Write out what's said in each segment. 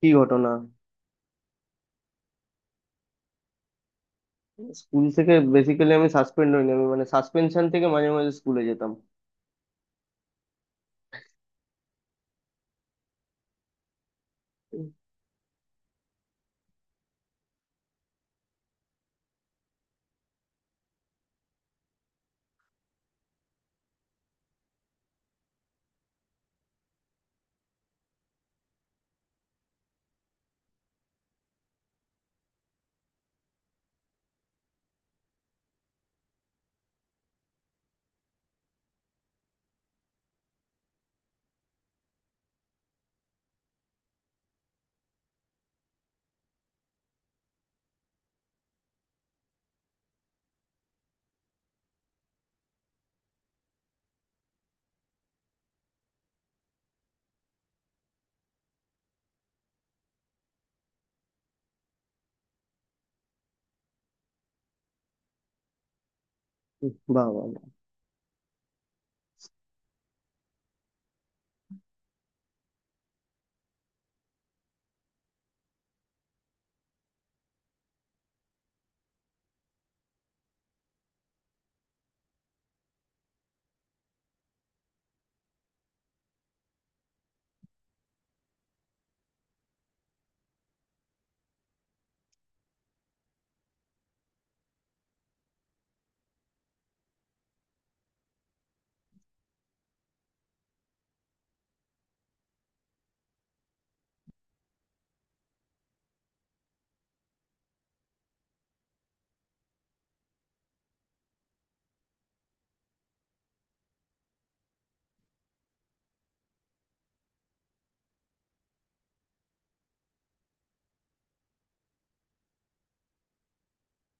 কি ঘটনা? স্কুল থেকে বেসিক্যালি আমি সাসপেন্ড হইনি, আমি মানে সাসপেনশন থেকে মাঝে মাঝে স্কুলে যেতাম। বাহ বাহ বাহ।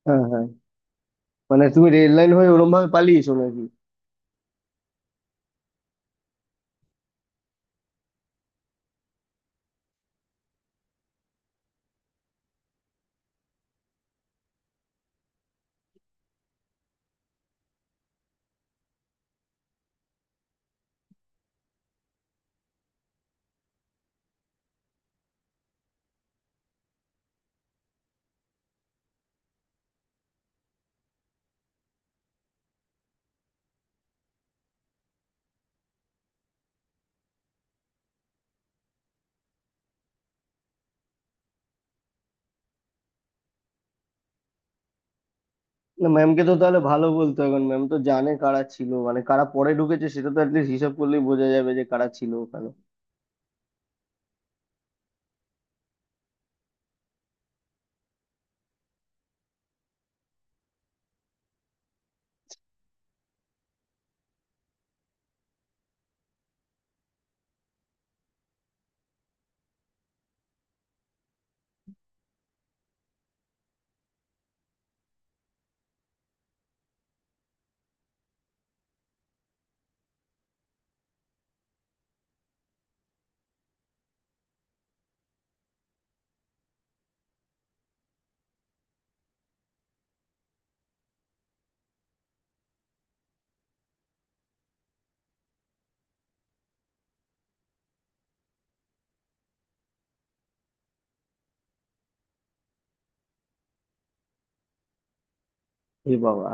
হ্যাঁ, হ্যাঁ। মানে তুমি রেড লাইন হয়ে ওরম ভাবে পালিয়েছো নাকি? না, ম্যামকে তো তাহলে ভালো বলতো এখন, ম্যাম তো জানে কারা ছিল, মানে কারা পরে ঢুকেছে, সেটা তো অ্যাটলিস্ট হিসাব করলেই বোঝা যাবে যে কারা ছিল ওখানে। এ বাবা।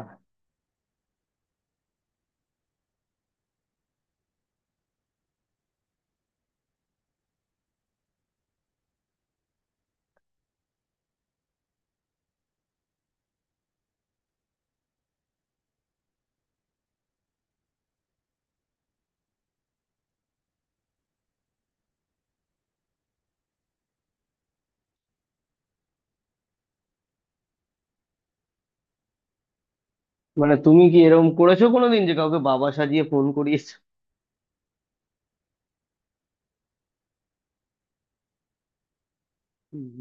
মানে তুমি কি এরকম করেছো কোনোদিন যে কাউকে বাবা সাজিয়ে ফোন করিয়েছো?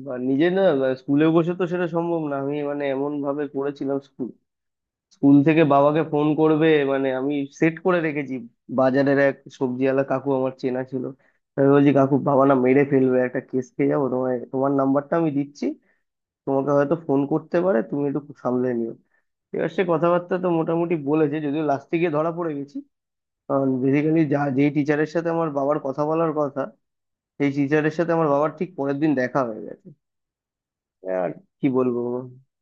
বা নিজে না, স্কুলে বসে তো সেটা সম্ভব না, আমি মানে এমন ভাবে করেছিলাম, স্কুল থেকে বাবাকে ফোন করবে মানে আমি সেট করে রেখেছি। বাজারের এক সবজিওয়ালা কাকু আমার চেনা ছিল। আমি বলছি, কাকু, বাবা না মেরে ফেলবে, একটা কেস খেয়ে যাবো, তোমায় তোমার নাম্বারটা আমি দিচ্ছি, তোমাকে হয়তো ফোন করতে পারে, তুমি একটু সামলে নিও। এবার সে কথাবার্তা তো মোটামুটি বলেছে, যদিও লাস্টে গিয়ে ধরা পড়ে গেছি। কারণ বেসিক্যালি যেই টিচারের সাথে আমার বাবার কথা বলার কথা, সেই টিচারের সাথে আমার বাবার ঠিক পরের দিন দেখা হয়ে গেছে। আর কি বলবো,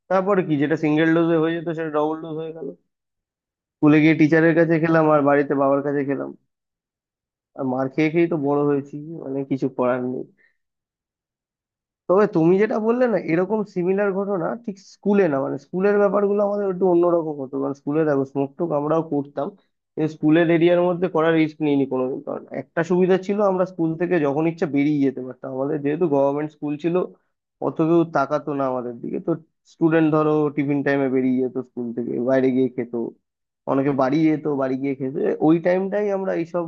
তারপরে কি, যেটা সিঙ্গেল ডোজে হয়ে যেত সেটা ডবল ডোজ হয়ে গেল। স্কুলে গিয়ে টিচারের কাছে খেলাম আর বাড়িতে বাবার কাছে খেলাম। আর মার খেয়ে খেয়েই তো বড় হয়েছি, মানে কিছু করার নেই। তবে তুমি যেটা বললে না, এরকম সিমিলার ঘটনা, ঠিক স্কুলে না, মানে স্কুলের ব্যাপারগুলো আমাদের একটু অন্যরকম হতো। কারণ স্কুলে দেখো, স্মোক টোক আমরাও করতাম, কিন্তু স্কুলের এরিয়ার মধ্যে করার রিস্ক নিইনি কোনোদিন। কারণ একটা সুবিধা ছিল, আমরা স্কুল থেকে যখন ইচ্ছা বেরিয়ে যেতে পারতাম, আমাদের যেহেতু গভর্নমেন্ট স্কুল ছিল, অত কেউ তাকাতো না আমাদের দিকে। তো স্টুডেন্ট ধরো টিফিন টাইমে বেরিয়ে যেত, স্কুল থেকে বাইরে গিয়ে খেত, অনেকে বাড়ি যেত বাড়ি গিয়ে খেতে। ওই টাইমটাই আমরা এইসব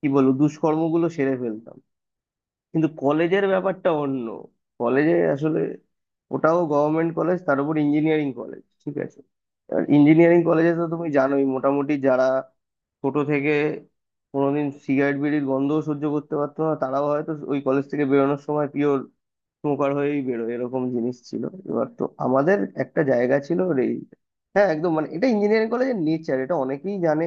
কি বলবো দুষ্কর্মগুলো সেরে ফেলতাম। কিন্তু কলেজের ব্যাপারটা অন্য। কলেজে আসলে, ওটাও গভর্নমেন্ট কলেজ, তার উপর ইঞ্জিনিয়ারিং কলেজ, ঠিক আছে। এবার ইঞ্জিনিয়ারিং কলেজে তো তুমি জানোই, মোটামুটি যারা ছোট থেকে কোনোদিন সিগারেট বিড়ির গন্ধও সহ্য করতে পারতো না, তারাও হয়তো ওই কলেজ থেকে বেরোনোর সময় পিওর স্মোকার হয়েই বেরোয়, এরকম জিনিস ছিল। এবার তো আমাদের একটা জায়গা ছিল রে। হ্যাঁ একদম, মানে এটা ইঞ্জিনিয়ারিং কলেজের নেচার, এটা অনেকেই জানে।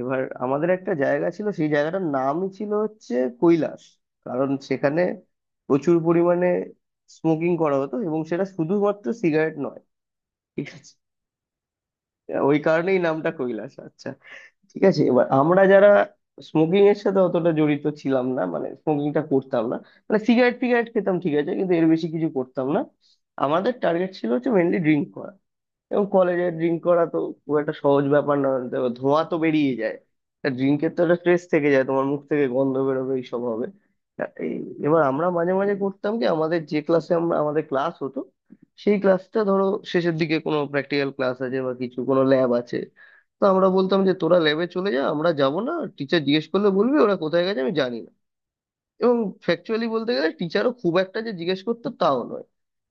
এবার আমাদের একটা জায়গা ছিল, সেই জায়গাটার নামই ছিল হচ্ছে কৈলাস। কারণ সেখানে প্রচুর পরিমাণে স্মোকিং করা হতো, এবং সেটা শুধুমাত্র সিগারেট নয়। ঠিক আছে, ওই কারণেই নামটা কৈলাস, আচ্ছা। ঠিক আছে, এবার আমরা যারা স্মোকিং এর সাথে অতটা জড়িত ছিলাম না, মানে স্মোকিংটা করতাম না, মানে সিগারেট ফিগারেট খেতাম ঠিক আছে, কিন্তু এর বেশি কিছু করতাম না। আমাদের টার্গেট ছিল হচ্ছে মেনলি ড্রিঙ্ক। এবং কলেজে ড্রিঙ্ক করা তো খুব একটা সহজ ব্যাপার না, দেখো, ধোঁয়া তো বেরিয়ে যায়, ড্রিঙ্কের তো একটা ট্রেস থেকে যায়, তোমার মুখ থেকে গন্ধ বেরোবে, এইসব হবে। তা এই, এবার আমরা মাঝে মাঝে করতাম কি, আমাদের যে ক্লাসে আমরা আমাদের ক্লাস হতো, সেই ক্লাসটা ধরো শেষের দিকে কোনো প্র্যাকটিক্যাল ক্লাস আছে বা কিছু কোনো ল্যাব আছে, তো আমরা বলতাম যে তোরা ল্যাবে চলে যা, আমরা যাব না, টিচার জিজ্ঞেস করলে বলবি ওরা কোথায় গেছে আমি জানি না। এবং ফ্যাকচুয়ালি বলতে গেলে টিচারও খুব একটা যে জিজ্ঞেস করতো তাও নয়।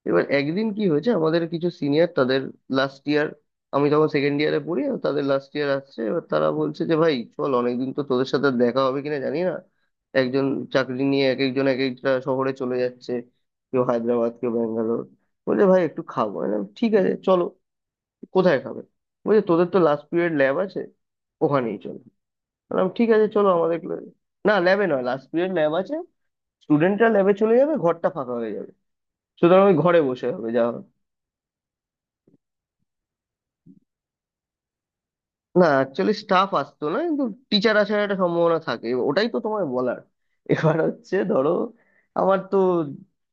এবার একদিন কি হয়েছে, আমাদের কিছু সিনিয়র, তাদের লাস্ট ইয়ার, আমি তখন সেকেন্ড ইয়ারে পড়ি আর তাদের লাস্ট ইয়ার আসছে, এবার তারা বলছে যে ভাই চল, অনেকদিন তো, তোদের সাথে দেখা হবে কিনা জানি না, একজন চাকরি নিয়ে এক একজন এক একটা শহরে চলে যাচ্ছে, কেউ হায়দ্রাবাদ কেউ ব্যাঙ্গালোর। বলছে ভাই একটু খাবো, আমি বললাম, ঠিক আছে চলো, কোথায় খাবে? বলছে তোদের তো লাস্ট পিরিয়ড ল্যাব আছে, ওখানেই চলো। আমি বললাম ঠিক আছে চলো, আমাদের class এ। না ল্যাবে নয়, লাস্ট পিরিয়ড ল্যাব আছে, স্টুডেন্টরা ল্যাবে চলে যাবে, ঘরটা ফাঁকা হয়ে যাবে, সুতরাং ওই ঘরে বসে হবে যা হবে। না অ্যাকচুয়ালি স্টাফ আসতো না, কিন্তু টিচার আসার একটা সম্ভাবনা থাকে, ওটাই তো তোমায় বলার। এবার হচ্ছে ধরো, আমার তো,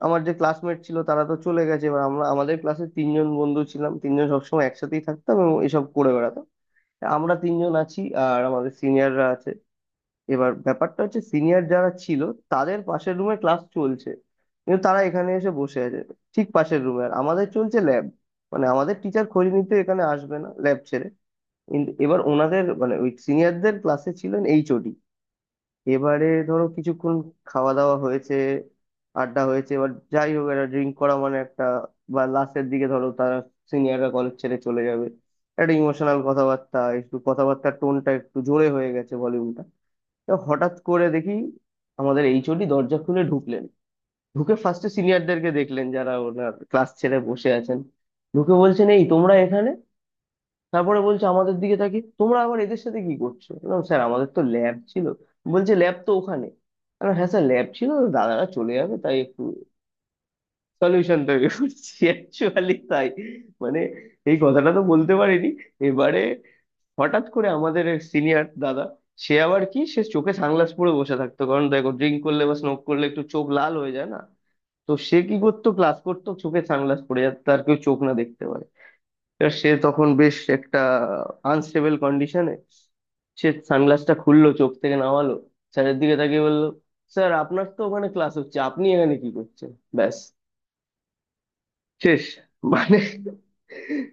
আমার যে ক্লাসমেট ছিল তারা তো চলে গেছে, এবার আমরা আমাদের ক্লাসে তিনজন বন্ধু ছিলাম, তিনজন সবসময় একসাথেই থাকতাম এবং এসব করে বেড়াতাম। আমরা তিনজন আছি, আর আমাদের সিনিয়ররা আছে। এবার ব্যাপারটা হচ্ছে, সিনিয়র যারা ছিল তাদের পাশের রুমে ক্লাস চলছে, কিন্তু তারা এখানে এসে বসে আছে। ঠিক পাশের রুমে, আর আমাদের চলছে ল্যাব, মানে আমাদের টিচার খোঁজ নিতে এখানে আসবে না, ল্যাব ছেড়ে। কিন্তু এবার ওনাদের মানে ওই সিনিয়রদের ক্লাসে ছিলেন এইচওডি। এবারে ধরো কিছুক্ষণ খাওয়া দাওয়া হয়েছে, আড্ডা হয়েছে, এবার যাই হোক একটা ড্রিঙ্ক করা মানে একটা, বা লাস্টের দিকে ধরো তারা, সিনিয়ররা কলেজ ছেড়ে চলে যাবে, একটা ইমোশনাল কথাবার্তা, একটু কথাবার্তার টোনটা একটু জোরে হয়ে গেছে, ভলিউমটা। তো হঠাৎ করে দেখি আমাদের এইচওডি দরজা খুলে ঢুকলেন। ঢুকে ফার্স্টে সিনিয়রদেরকে দেখলেন, যারা ওনার ক্লাস ছেড়ে বসে আছেন। ঢুকে বলছেন, এই তোমরা এখানে? তারপরে বলছে আমাদের দিকে তাকিয়ে, তোমরা আবার এদের সাথে কি করছো? বললাম, স্যার আমাদের তো ল্যাব ছিল। বলছে, ল্যাব তো ওখানে। আমি বললাম, হ্যাঁ স্যার ল্যাব ছিল, দাদারা চলে যাবে তাই একটু সলিউশন তৈরি করছি অ্যাকচুয়ালি, তাই মানে এই কথাটা তো বলতে পারিনি। এবারে হঠাৎ করে আমাদের সিনিয়র দাদা, সে আবার কি, সে চোখে সানগ্লাস পরে বসে থাকতো, কারণ দেখো ড্রিঙ্ক করলে বা স্মোক করলে একটু চোখ লাল হয়ে যায় না, তো সে কি করতো ক্লাস করতো চোখে সানগ্লাস পরে যাতে তার কেউ চোখ না দেখতে পারে। এবার সে তখন বেশ একটা আনস্টেবল কন্ডিশনে, সে সানগ্লাসটা খুললো, চোখ থেকে নামালো, স্যারের দিকে তাকিয়ে বললো, স্যার আপনার তো ওখানে ক্লাস হচ্ছে, আপনি এখানে কি করছেন? ব্যাস শেষ। মানে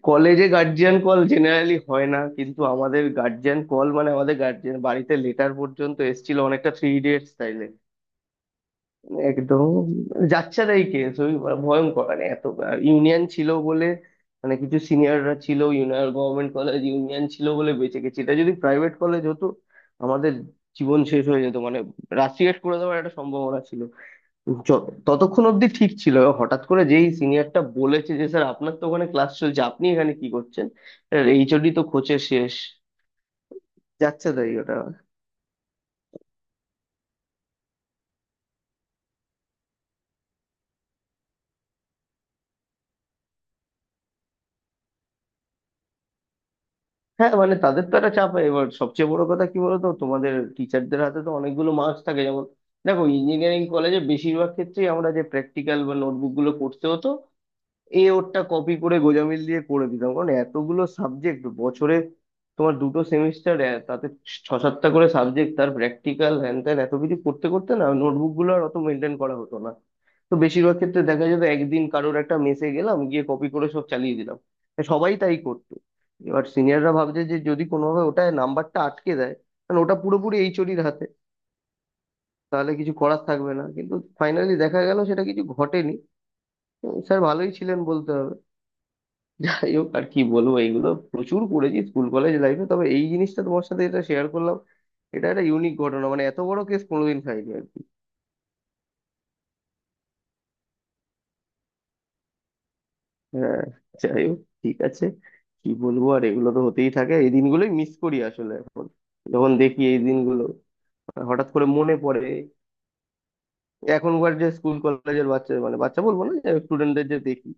কলেজে গার্জিয়ান কল জেনারেলি হয় না, কিন্তু আমাদের গার্জিয়ান কল, মানে আমাদের গার্জিয়ান বাড়িতে লেটার পর্যন্ত এসেছিল, অনেকটা থ্রি ইডিয়টস স্টাইলে। একদম যাচ্ছেতাই কেস ওই, ভয়ঙ্কর, মানে এত, ইউনিয়ন ছিল বলে, মানে কিছু সিনিয়ররা ছিল, ইউনিয়ন, গভর্নমেন্ট কলেজ ইউনিয়ন ছিল বলে বেঁচে গেছি, এটা যদি প্রাইভেট কলেজ হতো, আমাদের জীবন শেষ হয়ে যেত মানে, রাস্টিকেট করে দেওয়ার একটা সম্ভাবনা ছিল। ততক্ষণ অব্দি ঠিক ছিল, হঠাৎ করে যেই সিনিয়রটা বলেছে যে স্যার আপনার তো ওখানে ক্লাস চলছে আপনি এখানে কি করছেন, এইচওডি তো খোঁচে শেষ, যাচ্ছে তাই ওটা। হ্যাঁ মানে তাদের তো একটা চাপ হয়, এবার সবচেয়ে বড় কথা কি বলতো, তোমাদের টিচারদের হাতে তো অনেকগুলো মার্কস থাকে, যেমন দেখো ইঞ্জিনিয়ারিং কলেজে বেশিরভাগ ক্ষেত্রেই আমরা যে প্র্যাকটিক্যাল বা নোটবুক গুলো করতে হতো, এ ওরটা কপি করে গোজামিল দিয়ে করে দিতাম, কারণ এতগুলো সাবজেক্ট বছরে, তোমার দুটো সেমিস্টার, তাতে 6-7টা করে সাবজেক্ট, তার প্র্যাকটিক্যাল হ্যান ত্যান, এত কিছু করতে করতে না নোটবুকগুলো আর অত মেনটেন করা হতো না। তো বেশিরভাগ ক্ষেত্রে দেখা যেত একদিন কারোর একটা মেসে গেলাম, গিয়ে কপি করে সব চালিয়ে দিলাম, তা সবাই তাই করতো। এবার সিনিয়ররা ভাবছে যে যদি কোনোভাবে ওটা নাম্বারটা আটকে দেয়, কারণ ওটা পুরোপুরি এইচওডির হাতে, তাহলে কিছু করার থাকবে না। কিন্তু ফাইনালি দেখা গেল সেটা কিছু ঘটেনি, স্যার ভালোই ছিলেন বলতে হবে। যাই হোক আর কি বলবো, এইগুলো প্রচুর করেছি স্কুল কলেজ লাইফে, তবে এই জিনিসটা তোমার সাথে এটা শেয়ার করলাম, এটা একটা ইউনিক ঘটনা, মানে এত বড় কেস কোনোদিন খাইনি আর কি। হ্যাঁ, যাই হোক ঠিক আছে, কি বলবো আর, এগুলো তো হতেই থাকে, এই দিনগুলোই মিস করি আসলে এখন, যখন দেখি এই দিনগুলো হঠাৎ করে মনে পড়ে। এখনকার যে স্কুল কলেজের বাচ্চা, মানে বাচ্চা বলবো না, স্টুডেন্টদের যে student দের যে দেখি,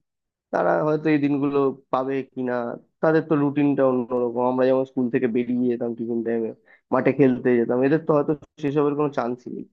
তারা হয়তো এই দিনগুলো পাবে কিনা, তাদের তো রুটিনটা অন্যরকম। আমরা যেমন স্কুল থেকে বেরিয়ে যেতাম টিফিন টাইমে, মাঠে খেলতে যেতাম, এদের তো হয়তো সেসবের কোনো চান্সই নেই।